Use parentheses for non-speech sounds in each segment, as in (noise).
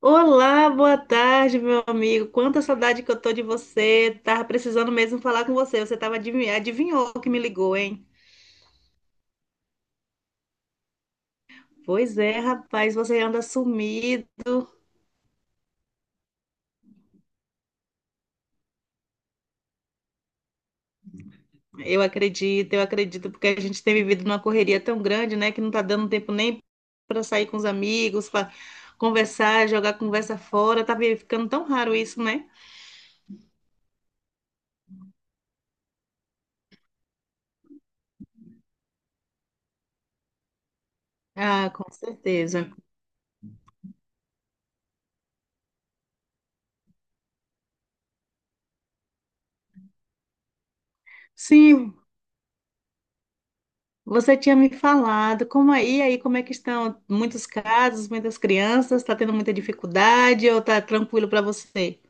Olá, boa tarde, meu amigo. Quanta saudade que eu tô de você. Tava precisando mesmo falar com você. Você tava adivinhando, adivinhou que me ligou, hein? Pois é, rapaz, você anda sumido. Eu acredito, porque a gente tem vivido numa correria tão grande, né, que não tá dando tempo nem para sair com os amigos, para conversar, jogar conversa fora. Tá ficando tão raro isso, né? Ah, com certeza. Sim, você tinha me falado, como é que estão muitos casos, muitas crianças, está tendo muita dificuldade ou está tranquilo para você?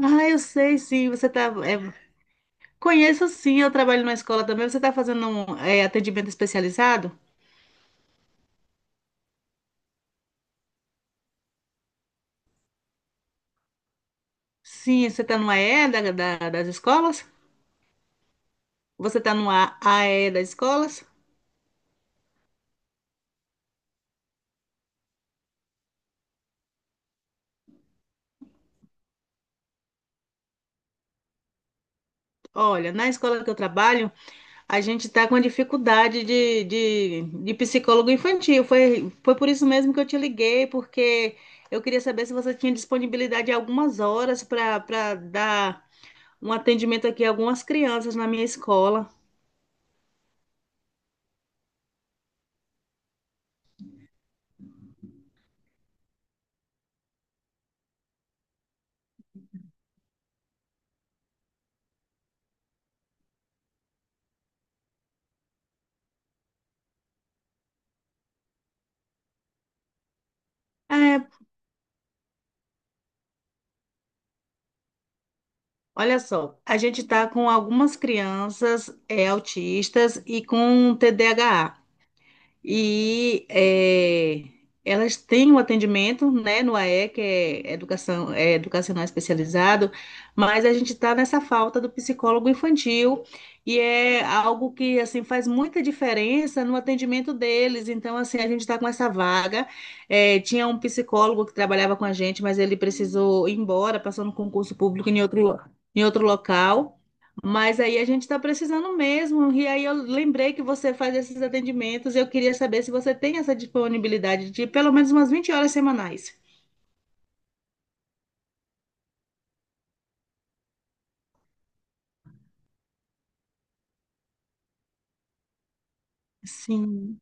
Ah, eu sei, sim, você está, conheço sim, eu trabalho numa escola também, você está fazendo um, atendimento especializado? Sim, você está no AE das escolas? Você está no A AE das escolas? Olha, na escola que eu trabalho, a gente está com dificuldade de psicólogo infantil. Foi por isso mesmo que eu te liguei, porque eu queria saber se você tinha disponibilidade de algumas horas para dar um atendimento aqui a algumas crianças na minha escola. É, Olha só, a gente está com algumas crianças autistas e com TDAH. E, elas têm um atendimento, né, no AE, que é educacional especializado, mas a gente está nessa falta do psicólogo infantil e é algo que assim faz muita diferença no atendimento deles. Então, assim, a gente está com essa vaga. É, tinha um psicólogo que trabalhava com a gente, mas ele precisou ir embora, passou no concurso público em outro local. Mas aí a gente está precisando mesmo. E aí eu lembrei que você faz esses atendimentos. Eu queria saber se você tem essa disponibilidade de pelo menos umas 20 horas semanais. Sim.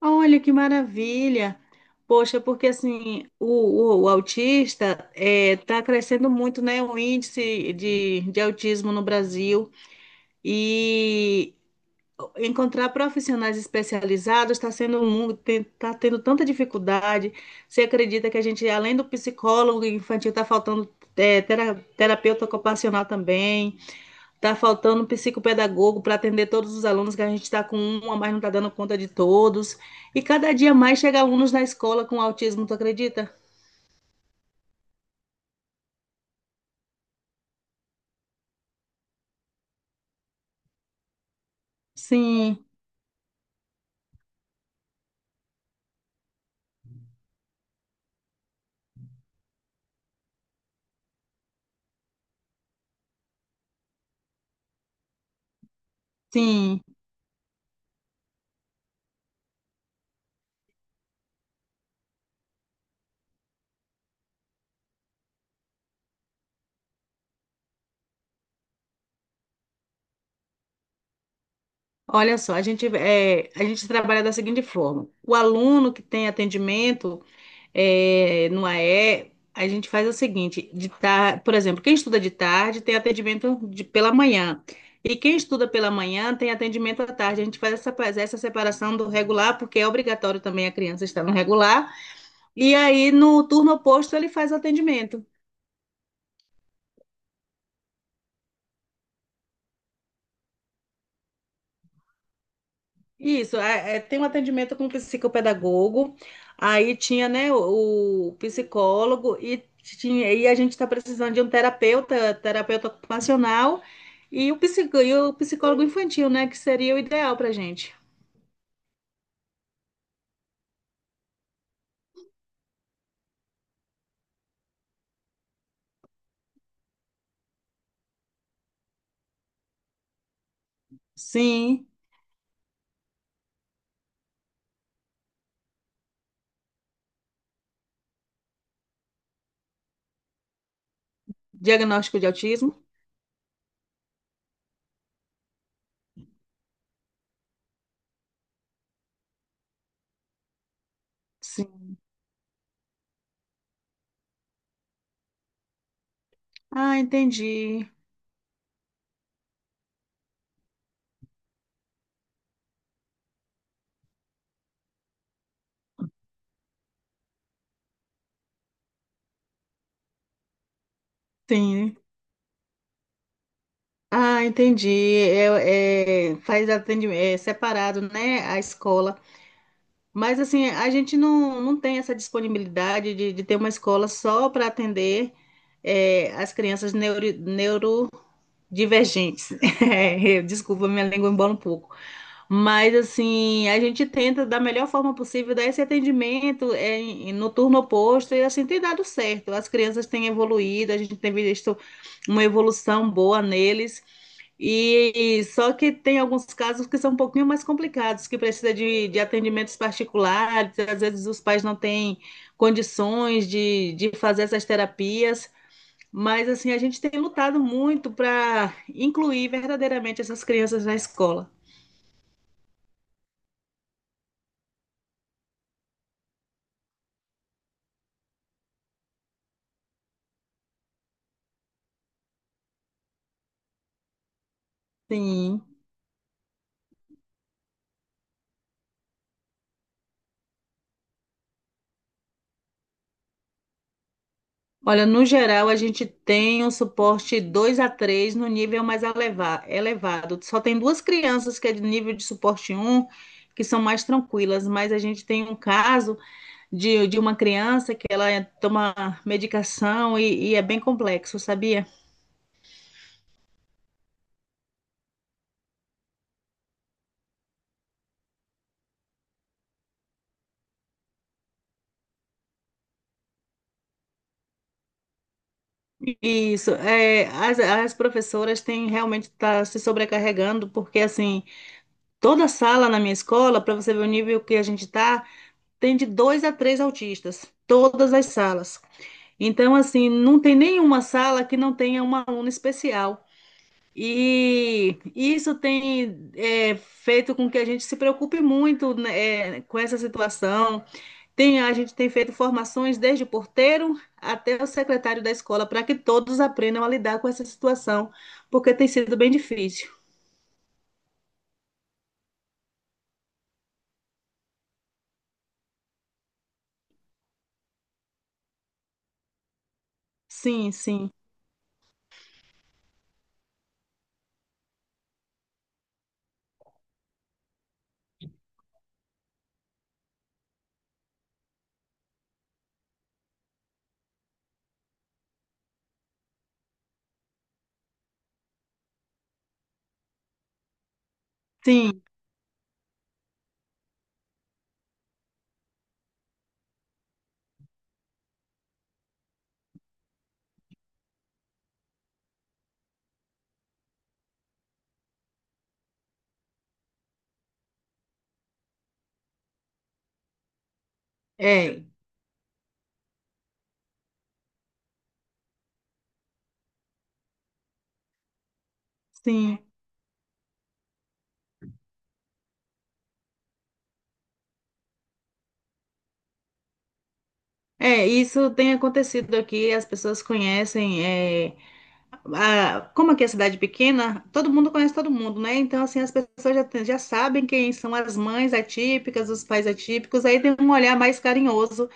Olha que maravilha. Poxa, porque assim, o autista está crescendo muito, né? O índice de autismo no Brasil. E encontrar profissionais especializados está sendo um mundo, está tendo tanta dificuldade. Você acredita que a gente, além do psicólogo infantil, está faltando terapeuta ocupacional também, está faltando um psicopedagogo para atender todos os alunos, que a gente está com uma, mas não está dando conta de todos. E cada dia mais chega alunos na escola com autismo, tu acredita? Sim, sim. Olha só, a gente trabalha da seguinte forma: o aluno que tem atendimento. É, no AE, a gente faz o seguinte, por exemplo, quem estuda de tarde tem atendimento pela manhã. E quem estuda pela manhã tem atendimento à tarde. A gente faz essa separação do regular, porque é obrigatório também a criança estar no regular. E aí, no turno oposto, ele faz o atendimento. Isso, tem um atendimento com o psicopedagogo, aí tinha, né, o psicólogo e tinha, e a gente está precisando de um terapeuta, terapeuta ocupacional e o psicólogo infantil, né, que seria o ideal para gente. Sim, diagnóstico de autismo? Sim. Ah, entendi. Sim. Ah, entendi. Faz atendimento, é separado, né, a escola. Mas assim, a gente não tem essa disponibilidade de ter uma escola só para atender as crianças neuro, neurodivergentes. (laughs) É, desculpa, minha língua embola um pouco. Mas assim, a gente tenta da melhor forma possível dar esse atendimento no turno oposto e assim tem dado certo. As crianças têm evoluído, a gente tem visto uma evolução boa neles. E só que tem alguns casos que são um pouquinho mais complicados, que precisa de atendimentos particulares, às vezes os pais não têm condições de fazer essas terapias, mas assim, a gente tem lutado muito para incluir verdadeiramente essas crianças na escola. Sim. Olha, no geral, a gente tem um suporte 2 a 3 no nível mais elevado. Só tem duas crianças que é de nível de suporte um, que são mais tranquilas, mas a gente tem um caso de uma criança que ela toma medicação e é bem complexo, sabia? Isso, as professoras têm realmente tá se sobrecarregando, porque assim, toda sala na minha escola, para você ver o nível que a gente tá, tem de dois a três autistas, todas as salas. Então, assim, não tem nenhuma sala que não tenha uma aluna especial. E isso tem feito com que a gente se preocupe muito, né, com essa situação. A gente tem feito formações desde o porteiro até o secretário da escola para que todos aprendam a lidar com essa situação, porque tem sido bem difícil. Sim, sim, sim, é, sim. É, isso tem acontecido aqui, as pessoas conhecem, é, a- como aqui é cidade pequena, todo mundo conhece todo mundo, né? Então, assim, as pessoas já sabem quem são as mães atípicas, os pais atípicos, aí tem um olhar mais carinhoso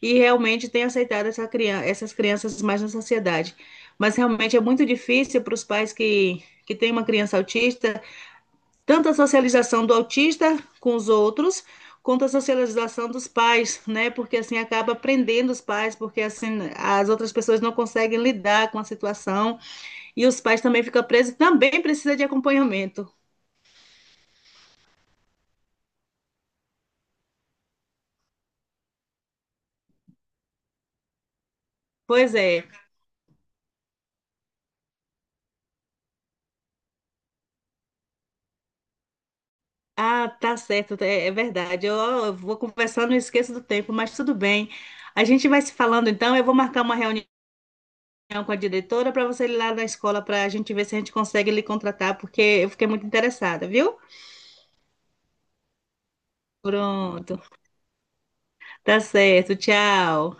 e realmente tem aceitado essa criança, essas crianças mais na sociedade. Mas realmente é muito difícil para os pais que têm uma criança autista, tanto a socialização do autista com os outros, quanto a socialização dos pais, né? Porque assim acaba prendendo os pais, porque assim as outras pessoas não conseguem lidar com a situação e os pais também ficam presos, também precisa de acompanhamento. Pois é. Ah, tá certo, é, é verdade. Eu vou conversando e esqueço do tempo, mas tudo bem. A gente vai se falando então. Eu vou marcar uma reunião com a diretora para você ir lá na escola para a gente ver se a gente consegue lhe contratar, porque eu fiquei muito interessada, viu? Pronto, tá certo, tchau.